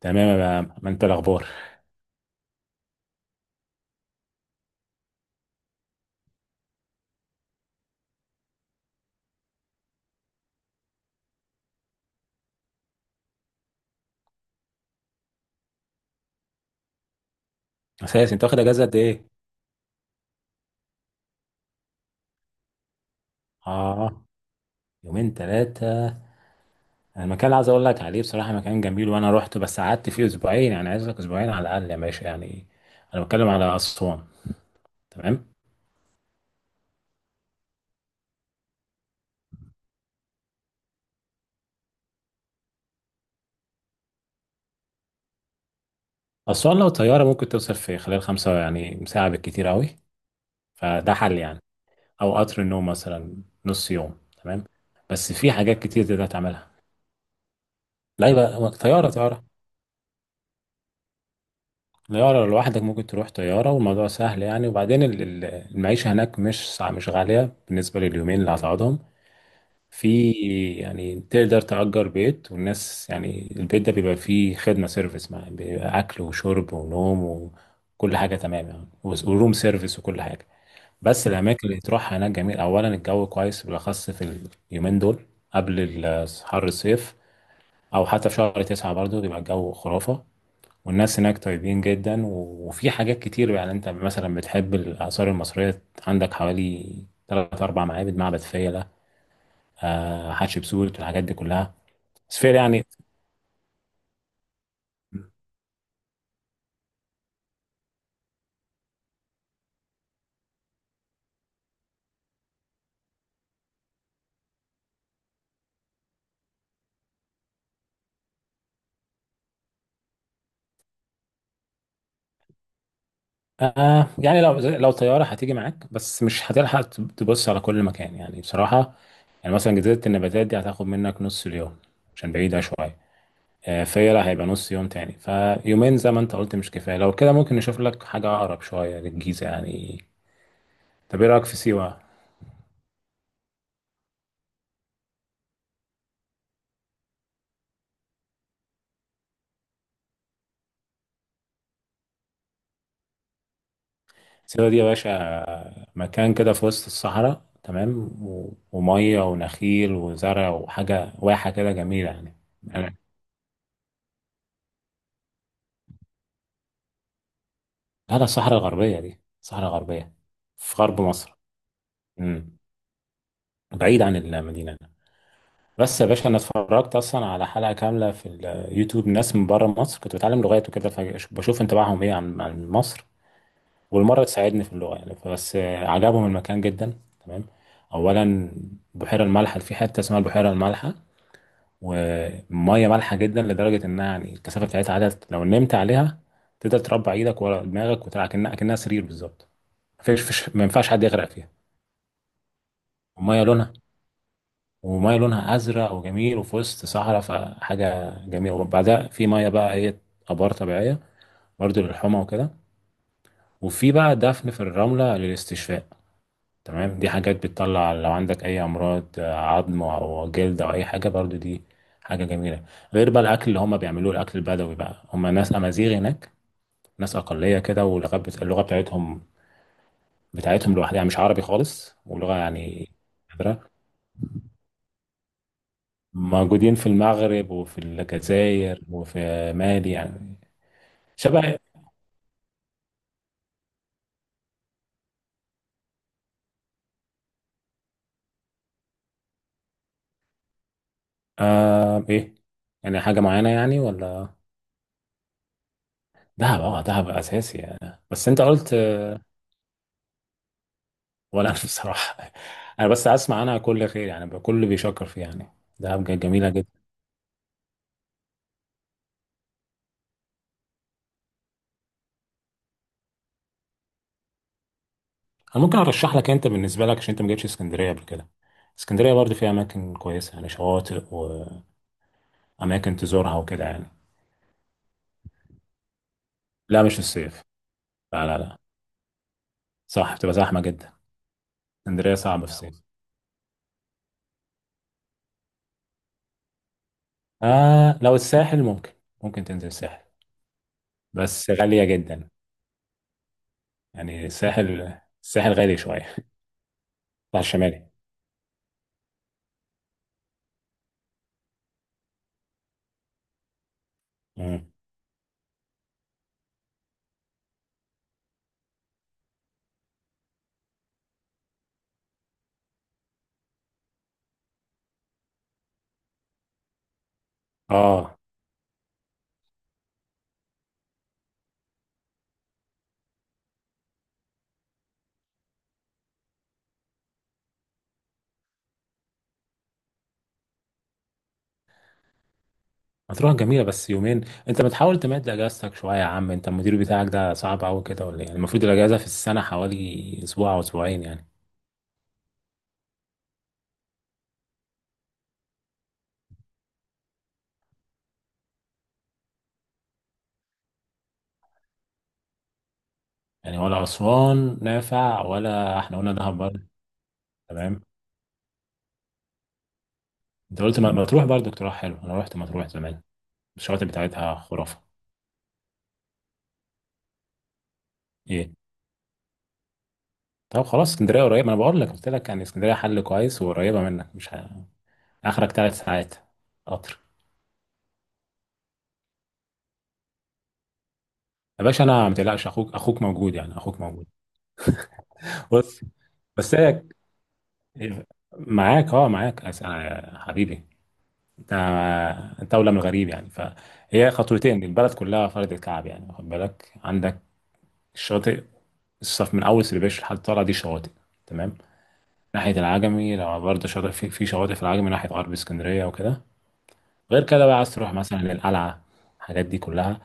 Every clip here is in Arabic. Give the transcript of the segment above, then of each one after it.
تمام يا عم، ما انت الاخبار. اساس انت واخد اجازه قد ايه؟ اه يومين ثلاثه. انا المكان اللي عايز اقول لك عليه بصراحه مكان جميل، وانا رحت بس قعدت فيه اسبوعين، يعني عايز لك اسبوعين على الاقل يا باشا يعني. انا بتكلم على اسوان. تمام. اسوان لو طياره ممكن توصل في خلال خمسه، يعني ساعه بالكتير قوي، فده حل يعني. او قطر النوم مثلا، نص يوم. تمام. بس في حاجات كتير تقدر تعملها. لا، يبقى طياره. طيارة لو لوحدك ممكن تروح طيارة والموضوع سهل يعني. وبعدين المعيشة هناك مش مش غالية بالنسبة لليومين اللي هتقعدهم. في، يعني تقدر تأجر بيت، والناس يعني البيت ده بيبقى فيه خدمة سيرفيس، مع بيبقى أكل وشرب ونوم وكل حاجة تمام يعني. وروم سيرفيس وكل حاجة. بس الأماكن اللي تروحها هناك جميل. أولا الجو كويس بالأخص في اليومين دول قبل حر الصيف، أو حتى في شهر 9 برضه بيبقى الجو خرافة. والناس هناك طيبين جدا وفي حاجات كتير يعني. انت مثلا بتحب الآثار المصرية، عندك حوالي 3 أو 4 معابد، معبد فيلة، آه حتشبسوت والحاجات دي كلها. بس فيلة يعني. يعني لو طيارة هتيجي معاك، بس مش هتلحق تبص على كل مكان يعني بصراحة. يعني مثلا جزيرة النباتات دي هتاخد منك نص اليوم عشان بعيدة شوية. فيلة هيبقى نص يوم تاني. فيومين زي ما انت قلت مش كفاية. لو كده ممكن نشوف لك حاجة أقرب شوية للجيزة يعني. طب ايه رأيك في سيوة؟ سيوة دي يا باشا مكان كده في وسط الصحراء، تمام، ومية ونخيل وزرع وحاجة، واحة كده جميلة يعني. أنا- هذا الصحراء الغربية. دي الصحراء الغربية في غرب مصر. امم بعيد عن المدينة. بس يا باشا أنا اتفرجت أصلا على حلقة كاملة في اليوتيوب، ناس من بره مصر كنت بتعلم لغات وكده، فبشوف انطباعهم إيه عن مصر، والمرة تساعدني في اللغة يعني. فبس عجبهم المكان جدا. تمام. أولا بحيرة الملح في حتة اسمها البحيرة الملح، وميه مالحه جدا لدرجه انها، يعني الكثافه بتاعتها عادة، لو نمت عليها تقدر تربع ايدك ورا دماغك وتلعب كأنها سرير بالظبط. مفيش ما ينفعش حد يغرق فيها. وميه لونها وميه لونها ازرق وجميل وفي وسط صحراء، فحاجه جميله. وبعدها في ميه بقى ايه، ابار طبيعيه برضه للحمى وكده. وفي بقى دفن في الرمله للاستشفاء، تمام. دي حاجات بتطلع لو عندك اي امراض، عظم او جلد او اي حاجه برضو. دي حاجه جميله. غير بقى الاكل اللي هم بيعملوه، الاكل البدوي بقى، هم ناس امازيغ هناك، ناس اقليه كده. واللغه اللغه بتاعتهم لوحدها يعني، مش عربي خالص، ولغه يعني نادرة. موجودين في المغرب وفي الجزائر وفي مالي يعني. شبه. آه، ايه يعني، حاجه معينه يعني ولا؟ دهب. اه، دهب اساسي يعني. بس انت قلت. ولا انا بصراحه، انا بس اسمع عنها كل خير يعني، بقى كل بيشكر فيها يعني. دهب جميله جدا. انا ممكن ارشح لك، انت بالنسبه لك عشان انت ما جيتش اسكندريه قبل كده، اسكندريه برضه فيها اماكن كويسه، يعني شواطئ واماكن تزورها وكده يعني. لا، مش في الصيف. لا لا لا. صح، بتبقى زحمه جدا، اسكندريه صعبه في الصيف. آه، لو الساحل ممكن. ممكن تنزل الساحل، بس غاليه جدا. يعني الساحل، الساحل غالي شويه. بتاع الشمالي. مم. اه، هتروح جميلة بس يومين، انت بتحاول تمد اجازتك شوية يا عم. انت المدير بتاعك ده صعب قوي كده ولا ايه يعني؟ المفروض الاجازة في السنة حوالي اسبوع او اسبوعين يعني. يعني ولا اسوان نافع، ولا احنا قلنا دهب برضه. تمام. انت قلت ما تروح برضه اقتراح حلو. انا رحت، ما تروح زمان، الشواطئ بتاعتها خرافة. ايه؟ طب خلاص اسكندرية قريبة. ما انا بقول لك، قلت لك يعني اسكندرية حل كويس وقريبة منك، مش اخرك 3 ساعات. قطر. يا باشا انا، ما تقلقش، اخوك موجود يعني، اخوك موجود. بص، بس هي، إيه، معاك، اه، معاك حبيبي. انت انت اولى من الغريب يعني. فهي خطوتين البلد كلها فرد الكعب يعني. واخد بالك، عندك الشاطئ، الصف من اول سربيش لحد طالع، دي شواطئ. تمام. ناحيه العجمي لو برضه شاطئ، في شواطئ في العجمي ناحيه غرب اسكندريه وكده. غير كده بقى، عايز تروح مثلا للقلعه، الحاجات دي كلها.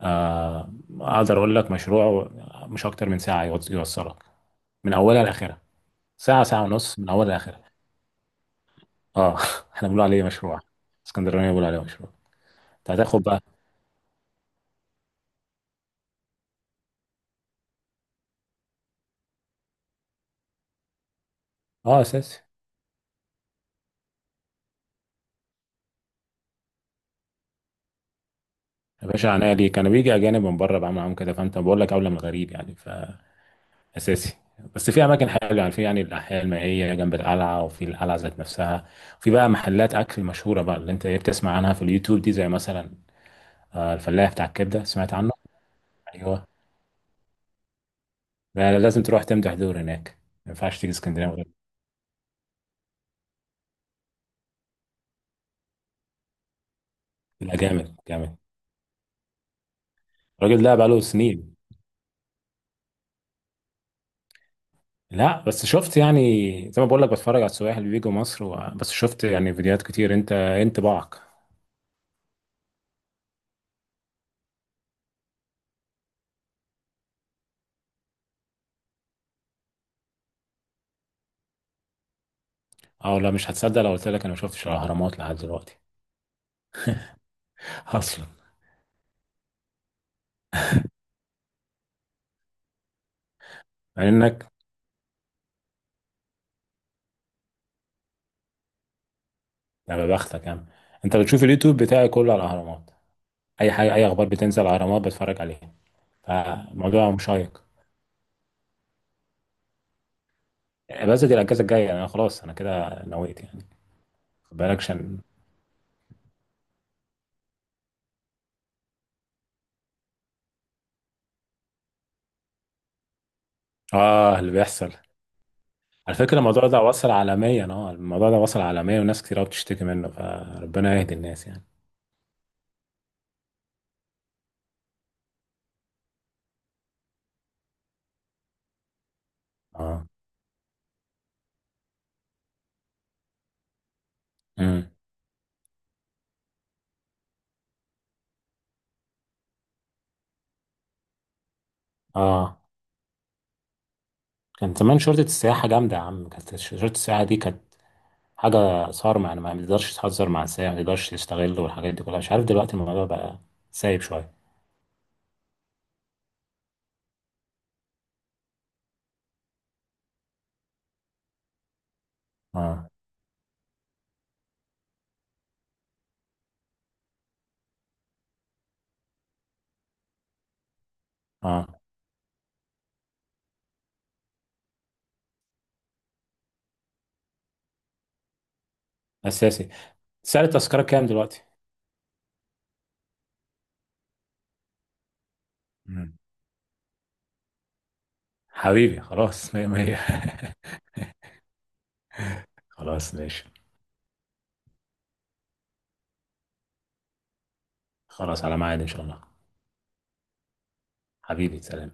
آه. اقدر اقول لك مشروع، مش اكتر من ساعه يوصلك من اولها لاخرها. ساعه ونص من اولها لاخرها. اه، احنا بنقول عليه مشروع. اسكندرانيه بيقول عليه مشروع. انت هتاخد بقى. اه، اساسي. يا باشا عينيا ليه، كان بيجي اجانب من بره بعمل معاهم كده، فانت بقول لك اولى من الغريب يعني. فاساسي. بس في اماكن حلوه يعني، في يعني الاحياء المائيه جنب القلعه، وفي القلعه ذات نفسها. في بقى محلات اكل مشهوره بقى، اللي انت إيه بتسمع عنها في اليوتيوب دي، زي مثلا الفلاح بتاع الكبده، سمعت عنه؟ ايوه. لا لا، لازم تروح تمدح دور هناك، ما ينفعش تيجي اسكندريه من غير-. لا، جامد جامد. الراجل ده بقاله سنين. لا، بس شفت يعني، زي ما بقول لك، بتفرج على السياح اللي بيجوا مصر و... بس شفت يعني فيديوهات كتير. انت بعك. او لا، مش هتصدق لو قلت لك انا ما شفتش الاهرامات لحد دلوقتي. اصلا. مع انك. يا بختك يا عم. انت بتشوف اليوتيوب بتاعي كله على الاهرامات، اي حاجه، اي اخبار بتنزل على الاهرامات بتفرج عليها. فالموضوع مشيق. بس دي الاجازه الجايه انا خلاص، انا كده نويت يعني. خد بالك عشان. اه، اللي بيحصل. على فكره الموضوع ده وصل عالميا، اه الموضوع ده وصل عالميا وناس كتير قوي بتشتكي منه، فربنا يهدي الناس يعني. اه. امم. اه. كان زمان شرطة السياحة جامدة يا عم، كانت شرطة السياحة دي كانت حاجة صارمة يعني. ما بيقدرش يتهزر مع السياح، ما بيقدرش يستغل والحاجات دي كلها. مش عارف دلوقتي الموضوع بقى سايب شوية. اه اه، أساسي. سعر التذكرة كام دلوقتي؟ مم. حبيبي خلاص، مية مية. خلاص ماشي. خلاص على ميعاد إن شاء الله. حبيبي سلام.